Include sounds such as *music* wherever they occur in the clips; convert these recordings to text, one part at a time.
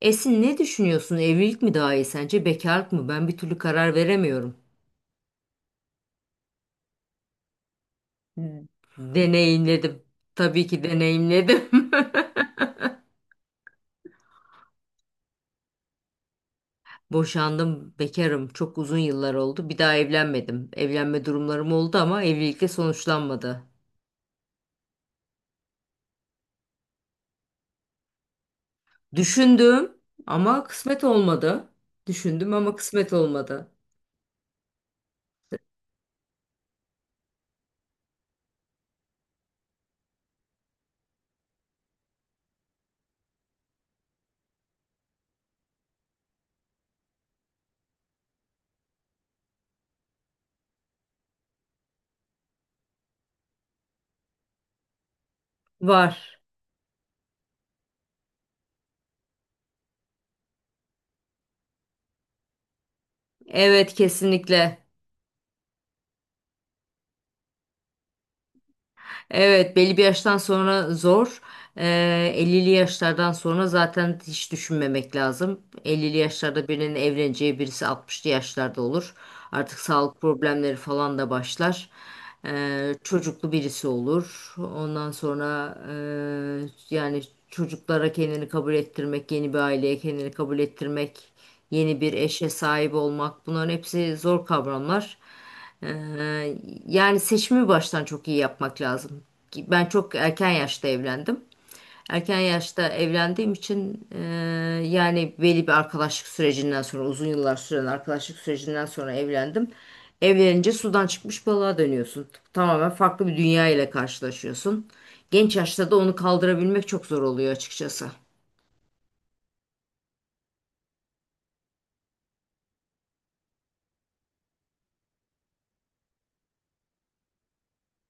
Esin ne düşünüyorsun? Evlilik mi daha iyi sence? Bekarlık mı? Ben bir türlü karar veremiyorum. Deneyimledim. Tabii ki deneyimledim. *laughs* Boşandım, bekarım. Çok uzun yıllar oldu. Bir daha evlenmedim. Evlenme durumlarım oldu ama evlilikle sonuçlanmadı. Düşündüm ama kısmet olmadı. Düşündüm ama kısmet olmadı. Var. Evet, kesinlikle. Evet, belli bir yaştan sonra zor. 50'li yaşlardan sonra zaten hiç düşünmemek lazım. 50'li yaşlarda birinin evleneceği birisi 60'lı yaşlarda olur. Artık sağlık problemleri falan da başlar. Çocuklu birisi olur. Ondan sonra yani çocuklara kendini kabul ettirmek, yeni bir aileye kendini kabul ettirmek, yeni bir eşe sahip olmak bunların hepsi zor kavramlar. Ee, yani seçimi baştan çok iyi yapmak lazım. Ki ben çok erken yaşta evlendim. Erken yaşta evlendiğim için yani belli bir arkadaşlık sürecinden sonra uzun yıllar süren arkadaşlık sürecinden sonra evlendim. Evlenince sudan çıkmış balığa dönüyorsun. Tamamen farklı bir dünya ile karşılaşıyorsun. Genç yaşta da onu kaldırabilmek çok zor oluyor açıkçası.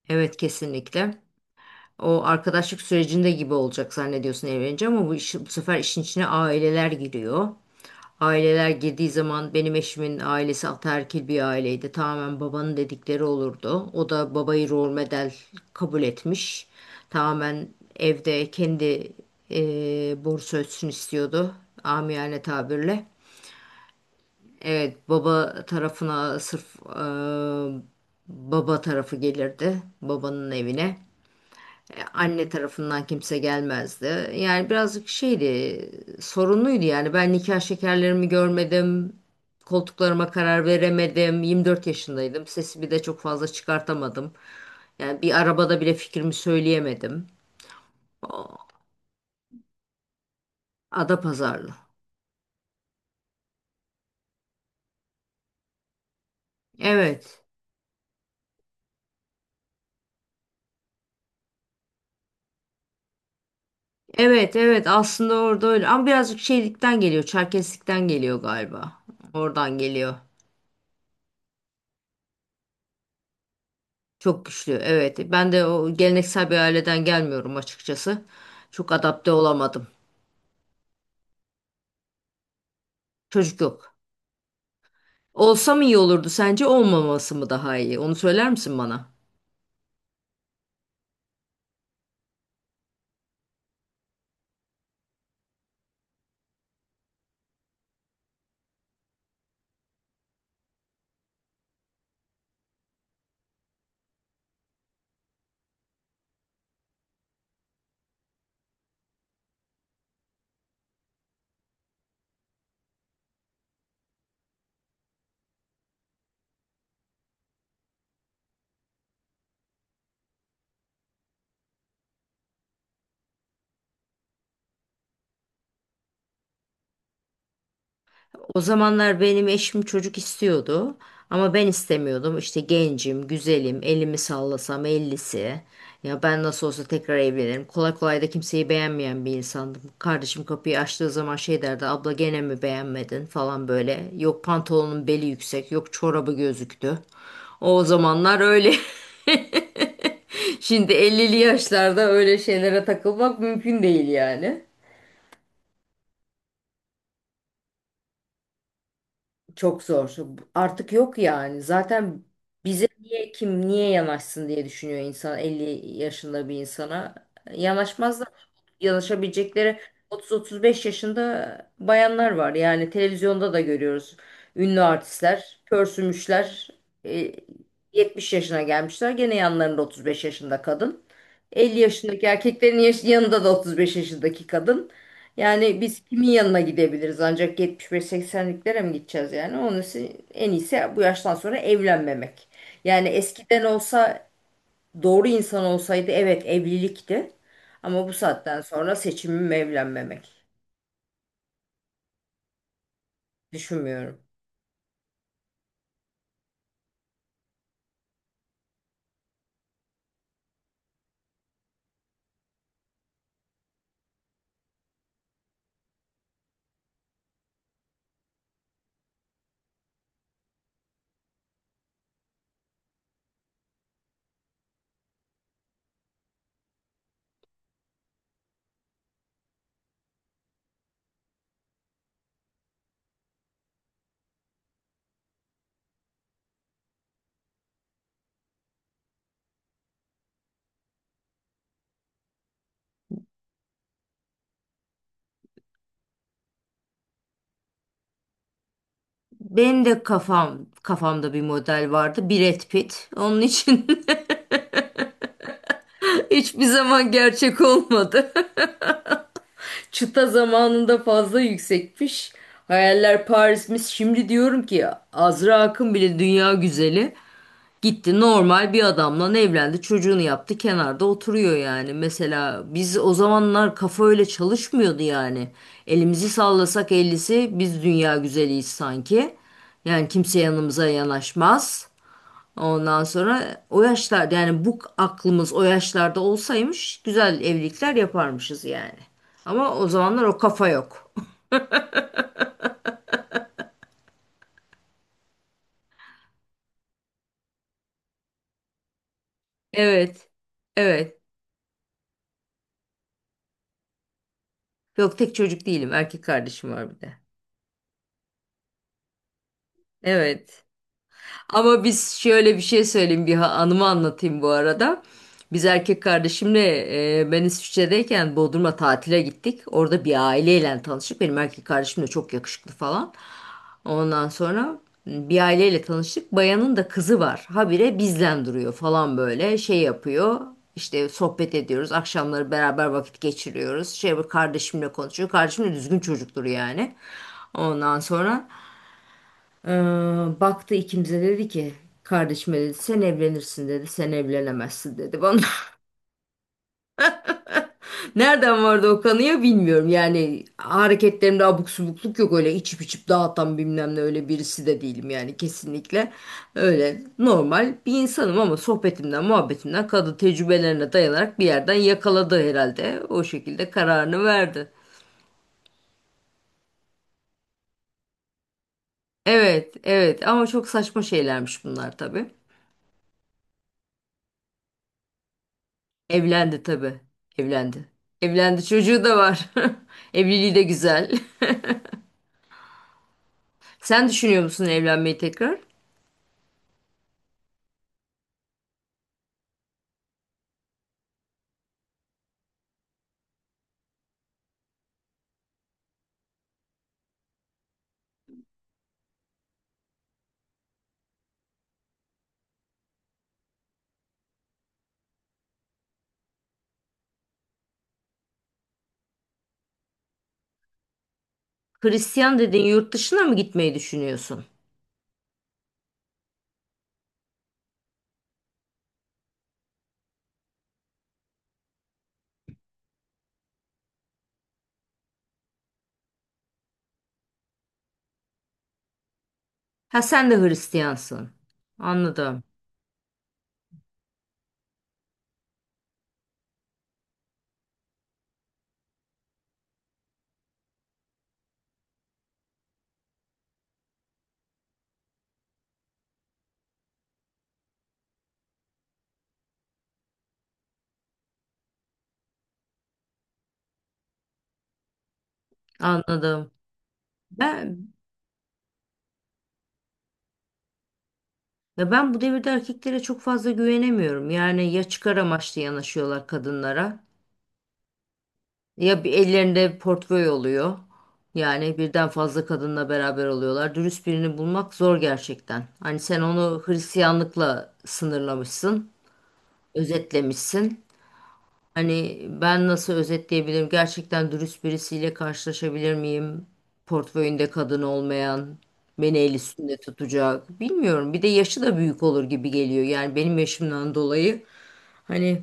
Evet, kesinlikle. O arkadaşlık sürecinde gibi olacak zannediyorsun evlenince ama bu, iş, bu sefer işin içine aileler giriyor. Aileler girdiği zaman benim eşimin ailesi ataerkil bir aileydi. Tamamen babanın dedikleri olurdu. O da babayı rol model kabul etmiş. Tamamen evde kendi borusu ötsün istiyordu. Amiyane tabirle. Evet, baba tarafına sırf baba tarafı gelirdi babanın evine. Anne tarafından kimse gelmezdi. Yani birazcık şeydi, sorunluydu yani. Ben nikah şekerlerimi görmedim. Koltuklarıma karar veremedim. 24 yaşındaydım. Sesimi de çok fazla çıkartamadım. Yani bir arabada bile fikrimi söyleyemedim. Adapazarlı. Evet. Evet, evet. Aslında orada öyle. Ama birazcık şeylikten geliyor. Çerkeslikten geliyor galiba. Oradan geliyor. Çok güçlü. Evet. Ben de o geleneksel bir aileden gelmiyorum açıkçası. Çok adapte olamadım. Çocuk yok. Olsa mı iyi olurdu sence, olmaması mı daha iyi? Onu söyler misin bana? O zamanlar benim eşim çocuk istiyordu ama ben istemiyordum. İşte gencim, güzelim, elimi sallasam ellisi. Ya ben nasıl olsa tekrar evlenirim. Kolay kolay da kimseyi beğenmeyen bir insandım. Kardeşim kapıyı açtığı zaman şey derdi, abla gene mi beğenmedin falan böyle. Yok pantolonun beli yüksek, yok çorabı gözüktü. O zamanlar öyle. *laughs* Şimdi ellili yaşlarda öyle şeylere takılmak mümkün değil yani. Çok zor. Artık yok yani. Zaten bize niye, kim niye yanaşsın diye düşünüyor insan, elli yaşında bir insana. Yanaşmazlar. Yanaşabilecekleri 30-35 yaşında bayanlar var. Yani televizyonda da görüyoruz. Ünlü artistler, pörsümüşler, e, 70 yaşına gelmişler. Gene yanlarında 35 yaşında kadın. 50 yaşındaki erkeklerin yaş- yanında da 35 yaşındaki kadın. Yani biz kimin yanına gidebiliriz, ancak 75-80'liklere mi gideceğiz yani? Onun için en iyisi bu yaştan sonra evlenmemek. Yani eskiden olsa doğru insan olsaydı evet evlilikti. Ama bu saatten sonra seçimim evlenmemek. Düşünmüyorum. Benim de kafam, kafamda bir model vardı. Brad Pitt. Onun için *laughs* hiçbir zaman gerçek olmadı. Çıta zamanında fazla yüksekmiş. Hayaller Paris'miş. Şimdi diyorum ki Azra Akın bile dünya güzeli. Gitti normal bir adamla evlendi. Çocuğunu yaptı. Kenarda oturuyor yani. Mesela biz o zamanlar kafa öyle çalışmıyordu yani. Elimizi sallasak ellisi biz dünya güzeliyiz sanki. Yani kimse yanımıza yanaşmaz. Ondan sonra o yaşlarda, yani bu aklımız o yaşlarda olsaymış güzel evlilikler yaparmışız yani. Ama o zamanlar o kafa yok. *laughs* Evet. Evet. Yok, tek çocuk değilim. Erkek kardeşim var bir de. Evet. Ama biz, şöyle bir şey söyleyeyim, bir anımı anlatayım bu arada. Biz erkek kardeşimle ben İsviçre'deyken Bodrum'a tatile gittik. Orada bir aileyle tanıştık. Benim erkek kardeşim de çok yakışıklı falan. Ondan sonra bir aileyle tanıştık. Bayanın da kızı var. Habire bizden duruyor falan böyle şey yapıyor. İşte sohbet ediyoruz. Akşamları beraber vakit geçiriyoruz. Şey, bu kardeşimle konuşuyor. Kardeşim de düzgün çocuktur yani. Ondan sonra eee, baktı ikimize dedi ki, kardeşime dedi sen evlenirsin dedi. Sen evlenemezsin dedi bana. Nereden vardı o kanıya bilmiyorum. Yani hareketlerimde abuk subukluk yok, öyle içip içip dağıtan bilmem ne öyle birisi de değilim yani kesinlikle. Öyle normal bir insanım ama sohbetimden muhabbetimden kadın tecrübelerine dayanarak bir yerden yakaladı herhalde. O şekilde kararını verdi. Evet, evet, ama çok saçma şeylermiş bunlar tabii. Evlendi tabii, evlendi. Evlendi, çocuğu da var. *laughs* Evliliği de güzel. *laughs* Sen düşünüyor musun evlenmeyi tekrar? Hristiyan dedin, yurt dışına mı gitmeyi düşünüyorsun? Ha, sen de Hristiyansın. Anladım. Anladım. Ben ya ben bu devirde erkeklere çok fazla güvenemiyorum. Yani ya çıkar amaçlı yanaşıyorlar kadınlara, ya bir ellerinde portföy oluyor. Yani birden fazla kadınla beraber oluyorlar. Dürüst birini bulmak zor gerçekten. Hani sen onu Hristiyanlıkla sınırlamışsın, özetlemişsin. Hani ben nasıl özetleyebilirim? Gerçekten dürüst birisiyle karşılaşabilir miyim? Portföyünde kadın olmayan, beni el üstünde tutacak. Bilmiyorum. Bir de yaşı da büyük olur gibi geliyor. Yani benim yaşımdan dolayı hani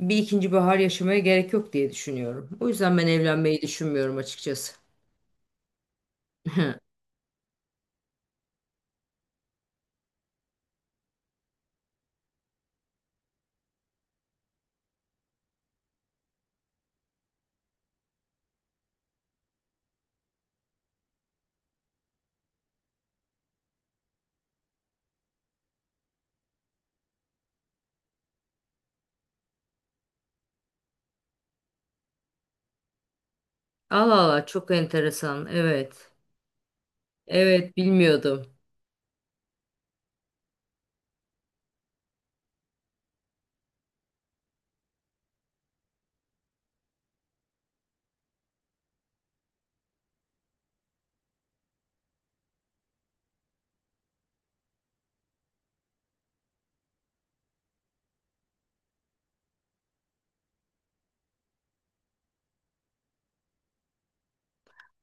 bir ikinci bahar yaşamaya gerek yok diye düşünüyorum. O yüzden ben evlenmeyi düşünmüyorum açıkçası. Allah Allah, çok enteresan. Evet. Evet, bilmiyordum.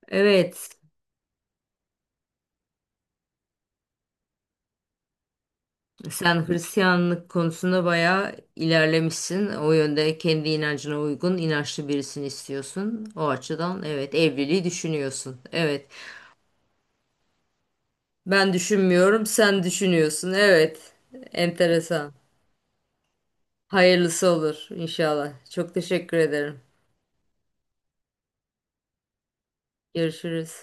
Evet. Sen Hristiyanlık konusunda bayağı ilerlemişsin. O yönde kendi inancına uygun, inançlı birisini istiyorsun. O açıdan evet, evliliği düşünüyorsun. Evet. Ben düşünmüyorum, sen düşünüyorsun. Evet. Enteresan. Hayırlısı olur inşallah. Çok teşekkür ederim. Görüşürüz.